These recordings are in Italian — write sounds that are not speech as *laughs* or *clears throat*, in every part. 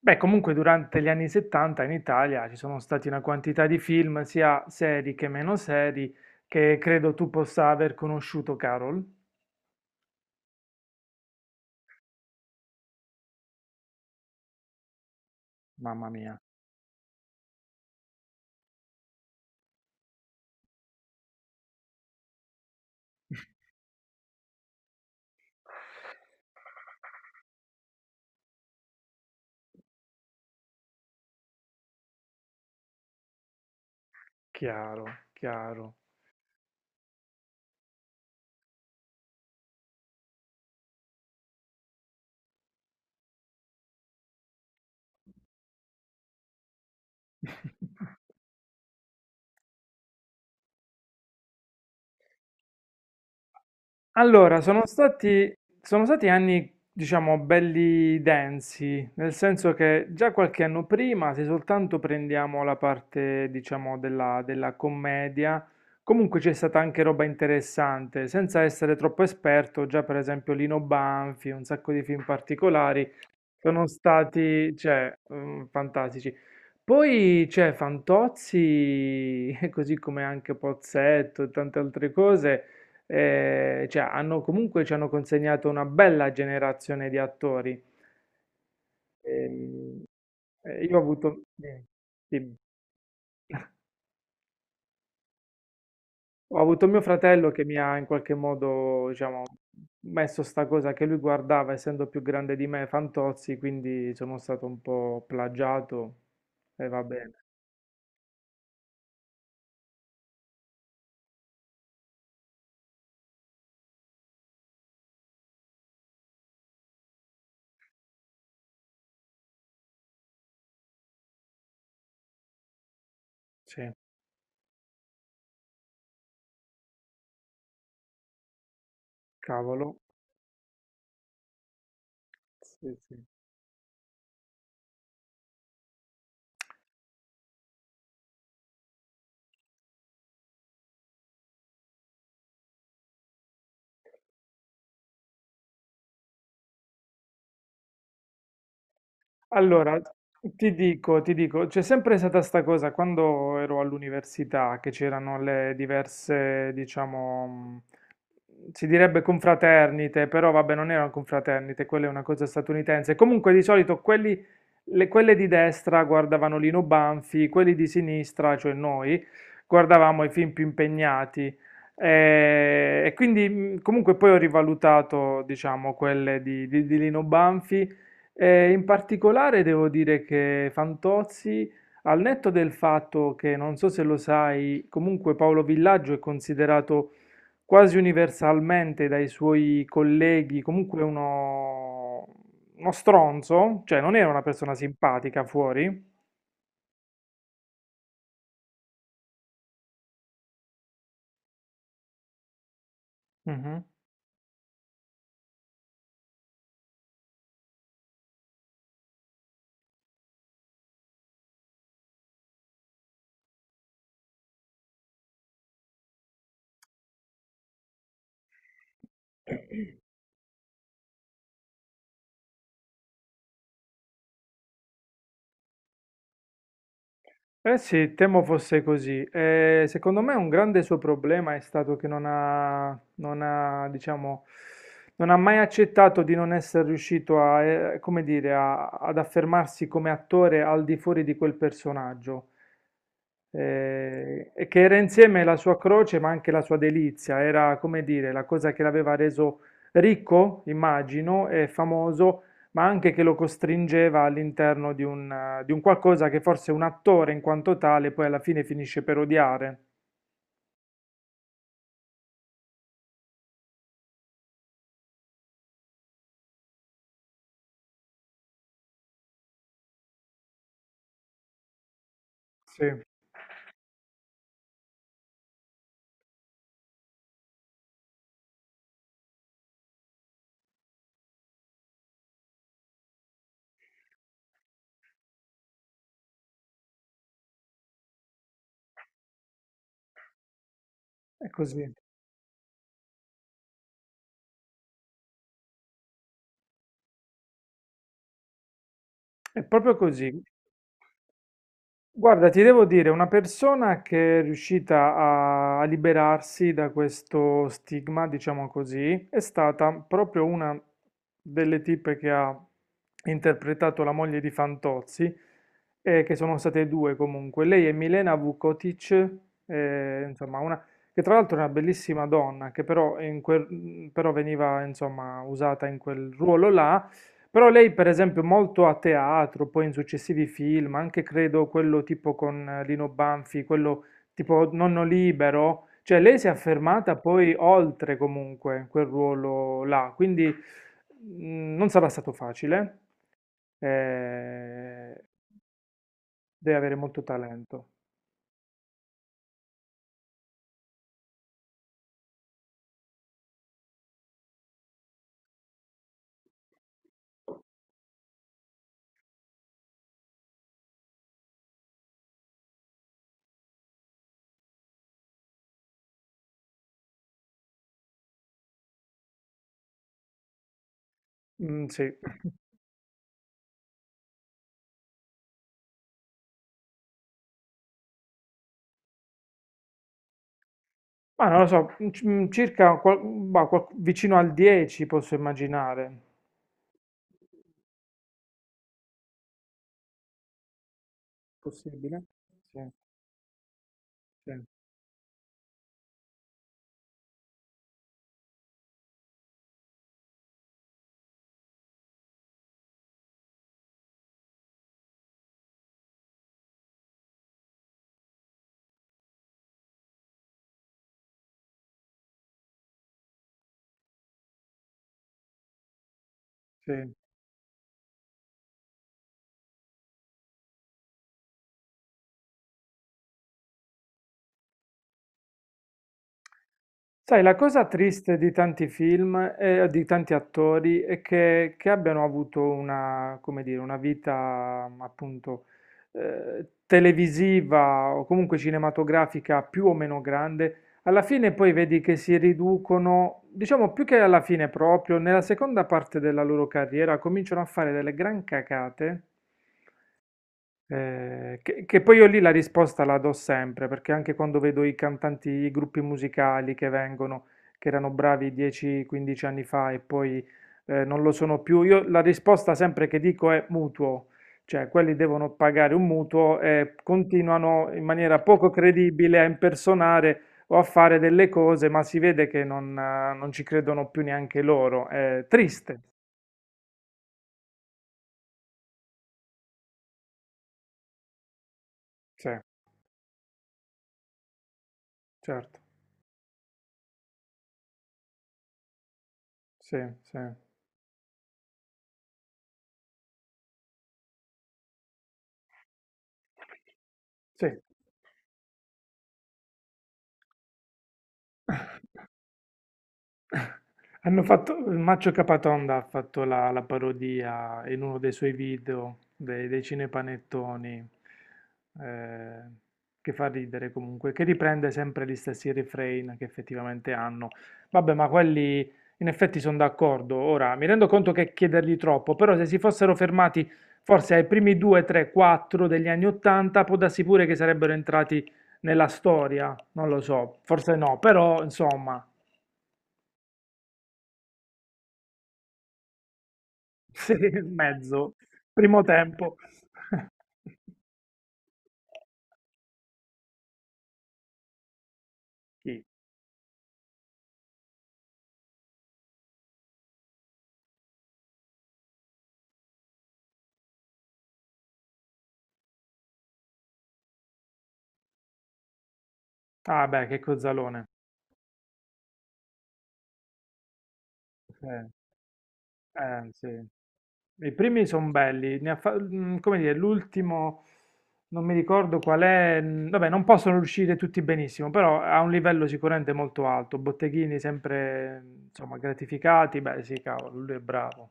Beh, comunque durante gli anni 70 in Italia ci sono stati una quantità di film, sia seri che meno seri, che credo tu possa aver conosciuto, Carol. Mamma mia, chiaro, chiaro. Allora, sono stati anni, diciamo, belli densi, nel senso che già qualche anno prima, se soltanto prendiamo la parte, diciamo, della commedia, comunque c'è stata anche roba interessante, senza essere troppo esperto, già per esempio Lino Banfi, un sacco di film particolari, sono stati, cioè, fantastici. Poi c'è Fantozzi, *laughs* così come anche Pozzetto e tante altre cose, cioè, comunque ci hanno consegnato una bella generazione di attori. Ehm, io ho avuto, sì, ho avuto mio fratello che mi ha in qualche modo, diciamo, messo sta cosa che lui guardava, essendo più grande di me, Fantozzi, quindi sono stato un po' plagiato e va bene. Sì, cavolo. Sì, sì. Allora, ti dico, c'è sempre stata sta cosa quando ero all'università, che c'erano le diverse, diciamo, si direbbe confraternite, però vabbè, non erano confraternite, quella è una cosa statunitense. Comunque di solito quelli, quelle di destra guardavano Lino Banfi, quelli di sinistra, cioè noi, guardavamo i film più impegnati. E, quindi comunque poi ho rivalutato, diciamo, quelle di di Lino Banfi. E in particolare devo dire che Fantozzi, al netto del fatto che, non so se lo sai, comunque Paolo Villaggio è considerato quasi universalmente dai suoi colleghi comunque uno stronzo, cioè non era una persona simpatica fuori. Mhm. Eh sì, temo fosse così. Secondo me un grande suo problema è stato che non ha, diciamo, non ha mai accettato di non essere riuscito come dire, ad affermarsi come attore al di fuori di quel personaggio, e che era insieme la sua croce ma anche la sua delizia, era come dire la cosa che l'aveva reso ricco, immagino, e famoso, ma anche che lo costringeva all'interno di un qualcosa che forse un attore in quanto tale poi alla fine finisce per odiare. Sì, è così, è proprio così. Guarda, ti devo dire, una persona che è riuscita a liberarsi da questo stigma, diciamo così, è stata proprio una delle tipe che ha interpretato la moglie di Fantozzi, che sono state due comunque. Lei è Milena Vukotic, insomma, una, che tra l'altro è una bellissima donna, che però, però veniva, insomma, usata in quel ruolo là. Però lei, per esempio, molto a teatro, poi in successivi film, anche credo quello tipo con Lino Banfi, quello tipo Nonno Libero, cioè lei si è affermata poi oltre comunque quel ruolo là, quindi non sarà stato facile, eh, deve avere molto talento. Mm, sì, *laughs* ma non lo so, circa vicino al 10 posso immaginare. Possibile? Sì, sì, sì. Sai, la cosa triste di tanti film e di tanti attori è che abbiano avuto una, come dire, una vita, appunto, televisiva o comunque cinematografica più o meno grande, alla fine poi vedi che si riducono, diciamo più che alla fine proprio, nella seconda parte della loro carriera cominciano a fare delle gran cacate. Che poi io lì la risposta la do sempre, perché anche quando vedo i cantanti, i gruppi musicali che vengono, che erano bravi 10-15 anni fa e poi non lo sono più, io la risposta sempre che dico è mutuo, cioè quelli devono pagare un mutuo e continuano in maniera poco credibile a impersonare o a fare delle cose, ma si vede che non, non ci credono più neanche loro. È triste, sì, certo, sì, sì, sì. Hanno fatto, Maccio Capatonda ha fatto la parodia in uno dei suoi video dei cinepanettoni, eh, che fa ridere comunque, che riprende sempre gli stessi refrain che effettivamente hanno. Vabbè, ma quelli in effetti sono d'accordo. Ora, mi rendo conto che chiedergli troppo, però se si fossero fermati forse ai primi 2, 3, 4 degli anni 80, può darsi pure che sarebbero entrati nella storia, non lo so, forse no, però insomma... Sì, *laughs* mezzo. Primo tempo. *laughs* Chi? Ah beh, che cozzalone. Sì, sì. I primi sono belli, ne ha fa- mm, come dire, l'ultimo non mi ricordo qual è, vabbè, non possono uscire tutti benissimo, però ha un livello sicuramente molto alto. Botteghini sempre, insomma, gratificati, beh, sì, cavolo, lui è bravo.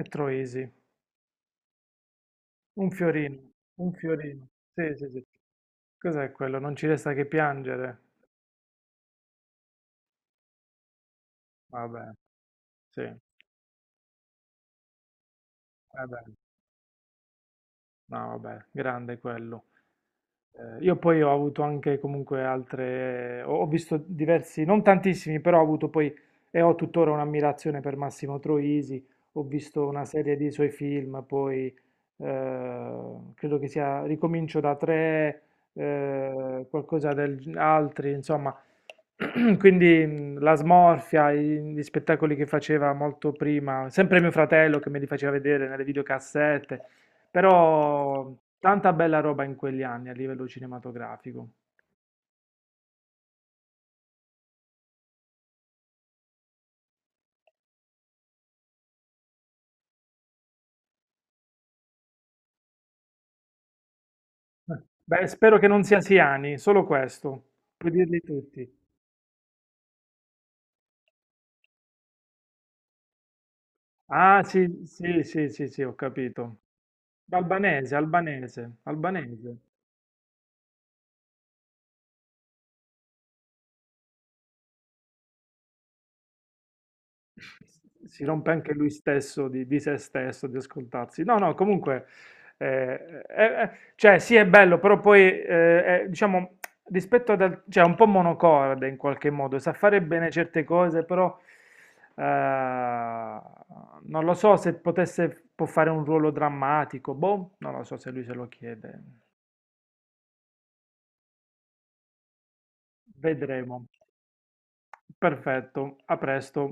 E Troisi, un fiorino, un fiorino. Sì, sì, sì. Cos'è quello? Non ci resta che piangere. Vabbè, sì. Vabbè, no, vabbè, grande quello. Io poi ho avuto anche comunque altre, ho visto diversi, non tantissimi, però ho avuto poi e ho tuttora un'ammirazione per Massimo Troisi, ho visto una serie di suoi film, poi eh, credo che sia Ricomincio da tre, qualcosa del altri, insomma, *clears throat* Quindi la smorfia, gli spettacoli che faceva molto prima, sempre mio fratello che me li faceva vedere nelle videocassette, però tanta bella roba in quegli anni a livello cinematografico. Beh, spero che non sia Siani, solo questo, puoi dirli tutti. Ah, sì, sì, sì, sì, sì, ho capito. Albanese, albanese, albanese. Si rompe anche lui stesso di se stesso, di ascoltarsi. No, no, comunque, eh, eh, eh, cioè sì è bello, però poi, è, diciamo, rispetto ad altri, cioè è un po' monocorde in qualche modo, sa fare bene certe cose, però eh, non lo so se potesse, può fare un ruolo drammatico, boh, non lo so se lui se lo chiede. Vedremo. Perfetto, a presto.